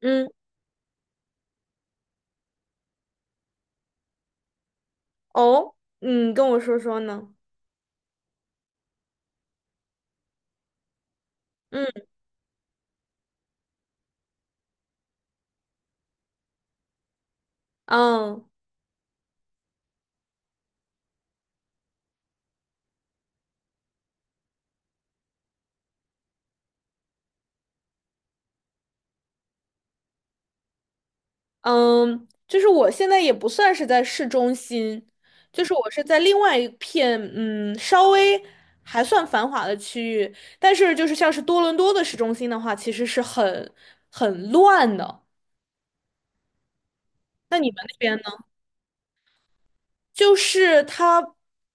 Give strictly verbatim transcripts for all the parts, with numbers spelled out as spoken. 嗯。哦。嗯，跟我说说呢。嗯嗯嗯，就是我现在也不算是在市中心，就是我是在另外一片嗯稍微还算繁华的区域，但是就是像是多伦多的市中心的话，其实是很很乱的。那你们那边？就是它，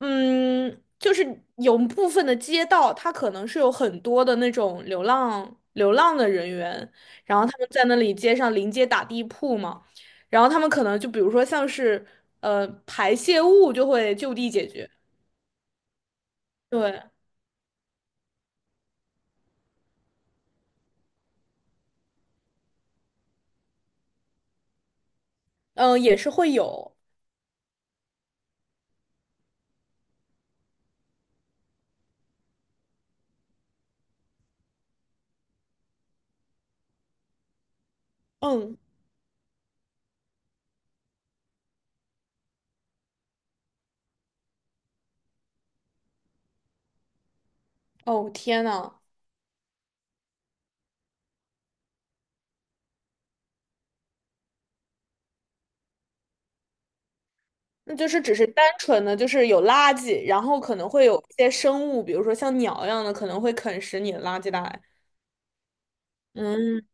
嗯，就是有部分的街道，它可能是有很多的那种流浪流浪的人员，然后他们在那里街上临街打地铺嘛，然后他们可能就比如说像是呃排泄物就会就地解决。对。嗯，也是会有。嗯。哦，天呐。那就是只是单纯的，就是有垃圾，然后可能会有一些生物，比如说像鸟一样的，可能会啃食你的垃圾袋。嗯。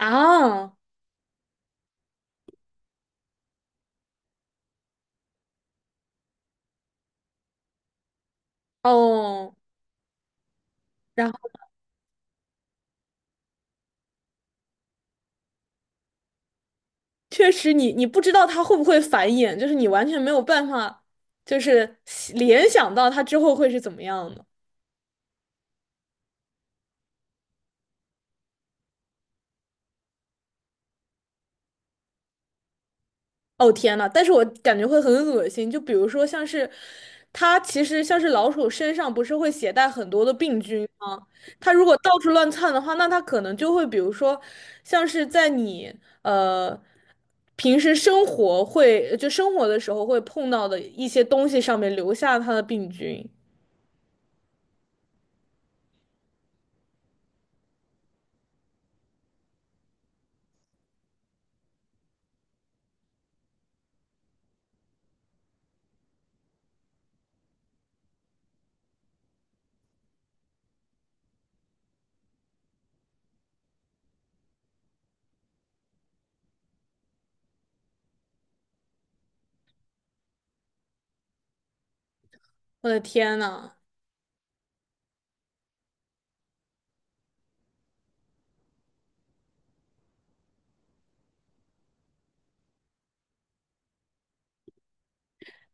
啊。哦，然后确实你，你不知道它会不会繁衍，就是你完全没有办法，就是联想到它之后会是怎么样的。哦，天呐。但是我感觉会很恶心，就比如说像是它其实像是老鼠身上不是会携带很多的病菌吗？它如果到处乱窜的话，那它可能就会比如说像是在你呃。平时生活会，就生活的时候会碰到的一些东西上面留下它的病菌。我的天呐！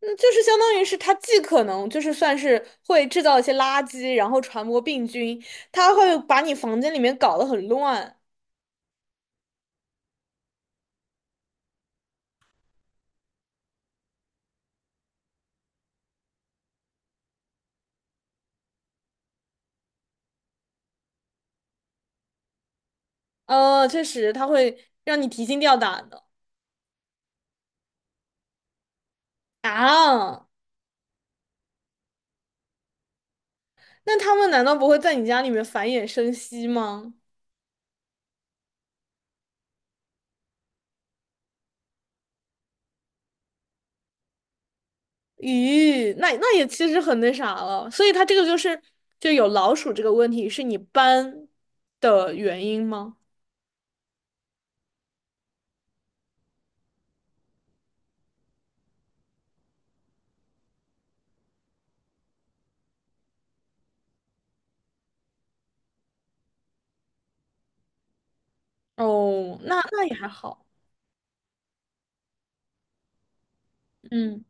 那就是相当于是它既可能就是算是会制造一些垃圾，然后传播病菌，它会把你房间里面搞得很乱。呃，确实，它会让你提心吊胆的。啊，那他们难道不会在你家里面繁衍生息吗？咦，那那也其实很那啥了。所以它这个就是就有老鼠这个问题，是你搬的原因吗？哦，那那也还好。嗯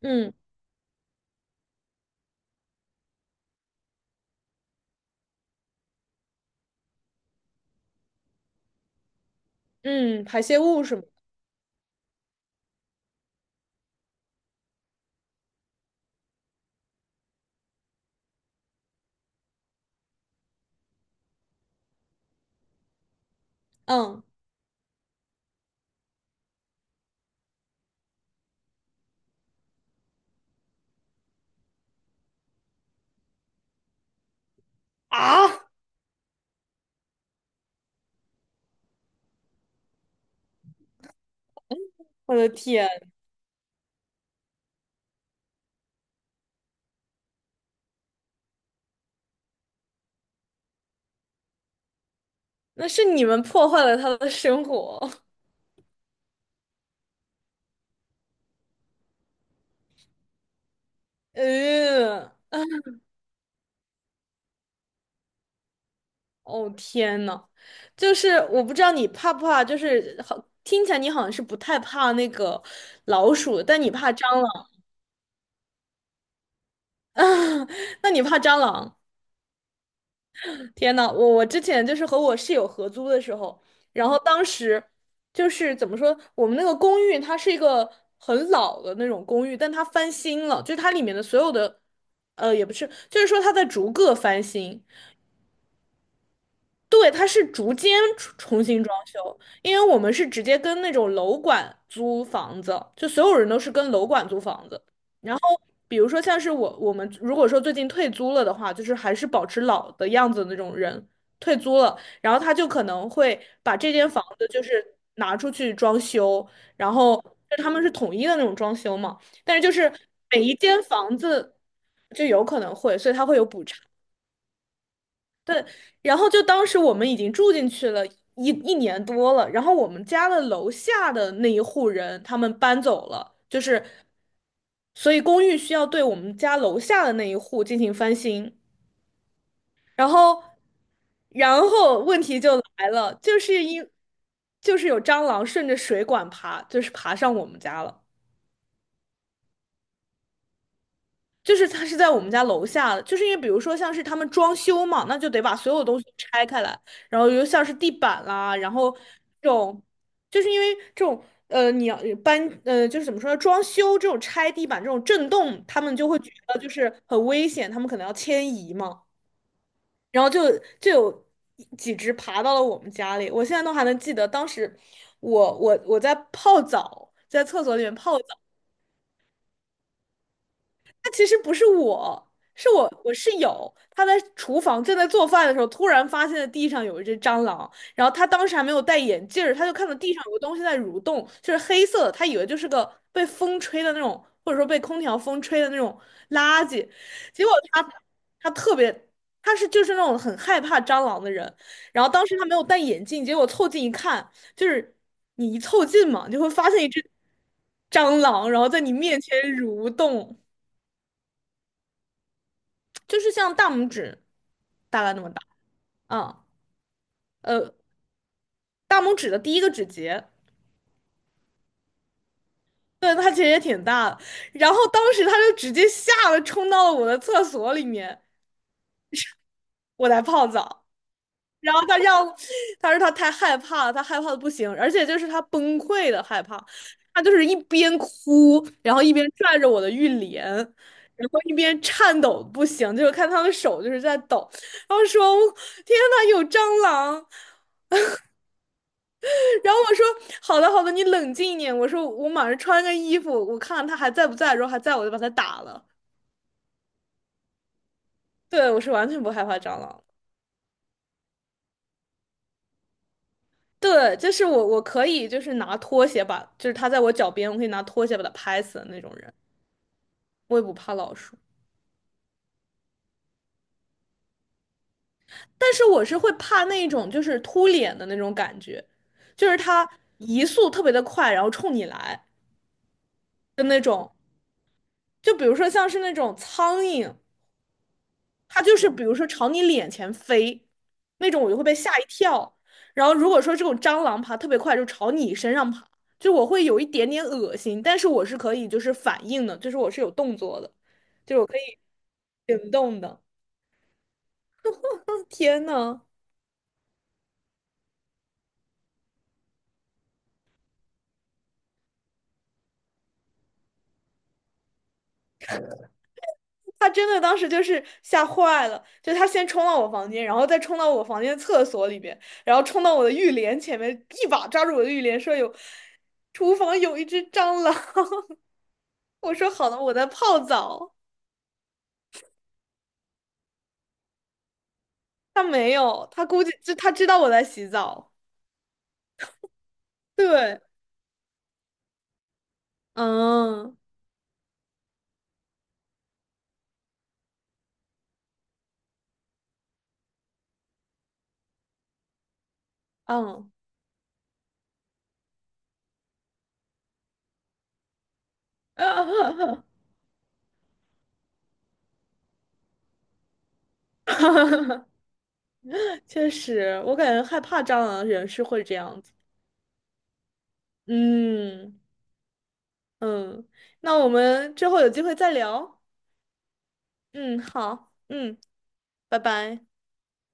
嗯。嗯，排泄物什么。嗯。啊。我的天，那是你们破坏了他的生活。嗯。哦，天呐，就是我不知道你怕不怕，就是好听起来你好像是不太怕那个老鼠，但你怕蟑螂。那你怕蟑螂？天呐，我我之前就是和我室友合租的时候，然后当时就是怎么说，我们那个公寓它是一个很老的那种公寓，但它翻新了，就是它里面的所有的，呃，也不是，就是说它在逐个翻新。对，它是逐间重重新装修，因为我们是直接跟那种楼管租房子，就所有人都是跟楼管租房子。然后，比如说像是我我们如果说最近退租了的话，就是还是保持老的样子的那种人退租了，然后他就可能会把这间房子就是拿出去装修，然后就他们是统一的那种装修嘛，但是就是每一间房子就有可能会，所以他会有补偿。对，然后就当时我们已经住进去了一一年多了，然后我们家的楼下的那一户人他们搬走了，就是所以公寓需要对我们家楼下的那一户进行翻新，然后然后问题就来了，就是因就是有蟑螂顺着水管爬，就是爬上我们家了。就是它是在我们家楼下的，就是因为比如说像是他们装修嘛，那就得把所有东西拆开来，然后又像是地板啦，然后这种，就是因为这种呃，你要搬呃，就是怎么说呢，装修这种拆地板这种震动，他们就会觉得就是很危险，他们可能要迁移嘛，然后就就有几只爬到了我们家里，我现在都还能记得当时我我我在泡澡，在厕所里面泡。澡。他其实不是我，是我我室友，他在厨房正在做饭的时候，突然发现了地上有一只蟑螂，然后他当时还没有戴眼镜儿他就看到地上有个东西在蠕动，就是黑色的，他以为就是个被风吹的那种，或者说被空调风吹的那种垃圾，结果他他特别。他是就是那种很害怕蟑螂的人，然后当时他没有戴眼镜，结果凑近一看，就是你一凑近嘛，你就会发现一只蟑螂，然后在你面前蠕动。就是像大拇指大概那么大。嗯。呃，大拇指的第一个指节。对，它其实也挺大的。然后当时他就直接吓得冲到了我的厕所里面，我在泡澡。然后他要，他说他太害怕了，他害怕的不行，而且就是他崩溃的害怕，他就是一边哭，然后一边拽着我的浴帘，然后一边颤抖得不行，就是看他的手就是在抖，然后说天呐，有蟑螂！然后我说好的好的，你冷静一点。我说我马上穿个衣服，我看看他还在不在。如果还在，我就把他打了。对，我是完全不害怕蟑螂。对，就是我我可以就是拿拖鞋把，就是他在我脚边，我可以拿拖鞋把他拍死的那种人。我也不怕老鼠，但是我是会怕那种就是突脸的那种感觉，就是它移速特别的快，然后冲你来的那种。就比如说像是那种苍蝇，它就是比如说朝你脸前飞，那种我就会被吓一跳。然后如果说这种蟑螂爬特别快，就朝你身上爬，就我会有一点点恶心，但是我是可以就是反应的，就是我是有动作的，就是我可以行动的。天呐，他真的当时就是吓坏了，就他先冲到我房间，然后再冲到我房间厕所里边，然后冲到我的浴帘前面，一把抓住我的浴帘，说有厨房有一只蟑螂。我说好了，我在泡澡。他没有，他估计就他知道我在洗澡。对。嗯嗯。确实，我感觉害怕蟑螂的人是会这样子。嗯嗯，那我们之后有机会再聊。嗯，好，嗯，拜拜。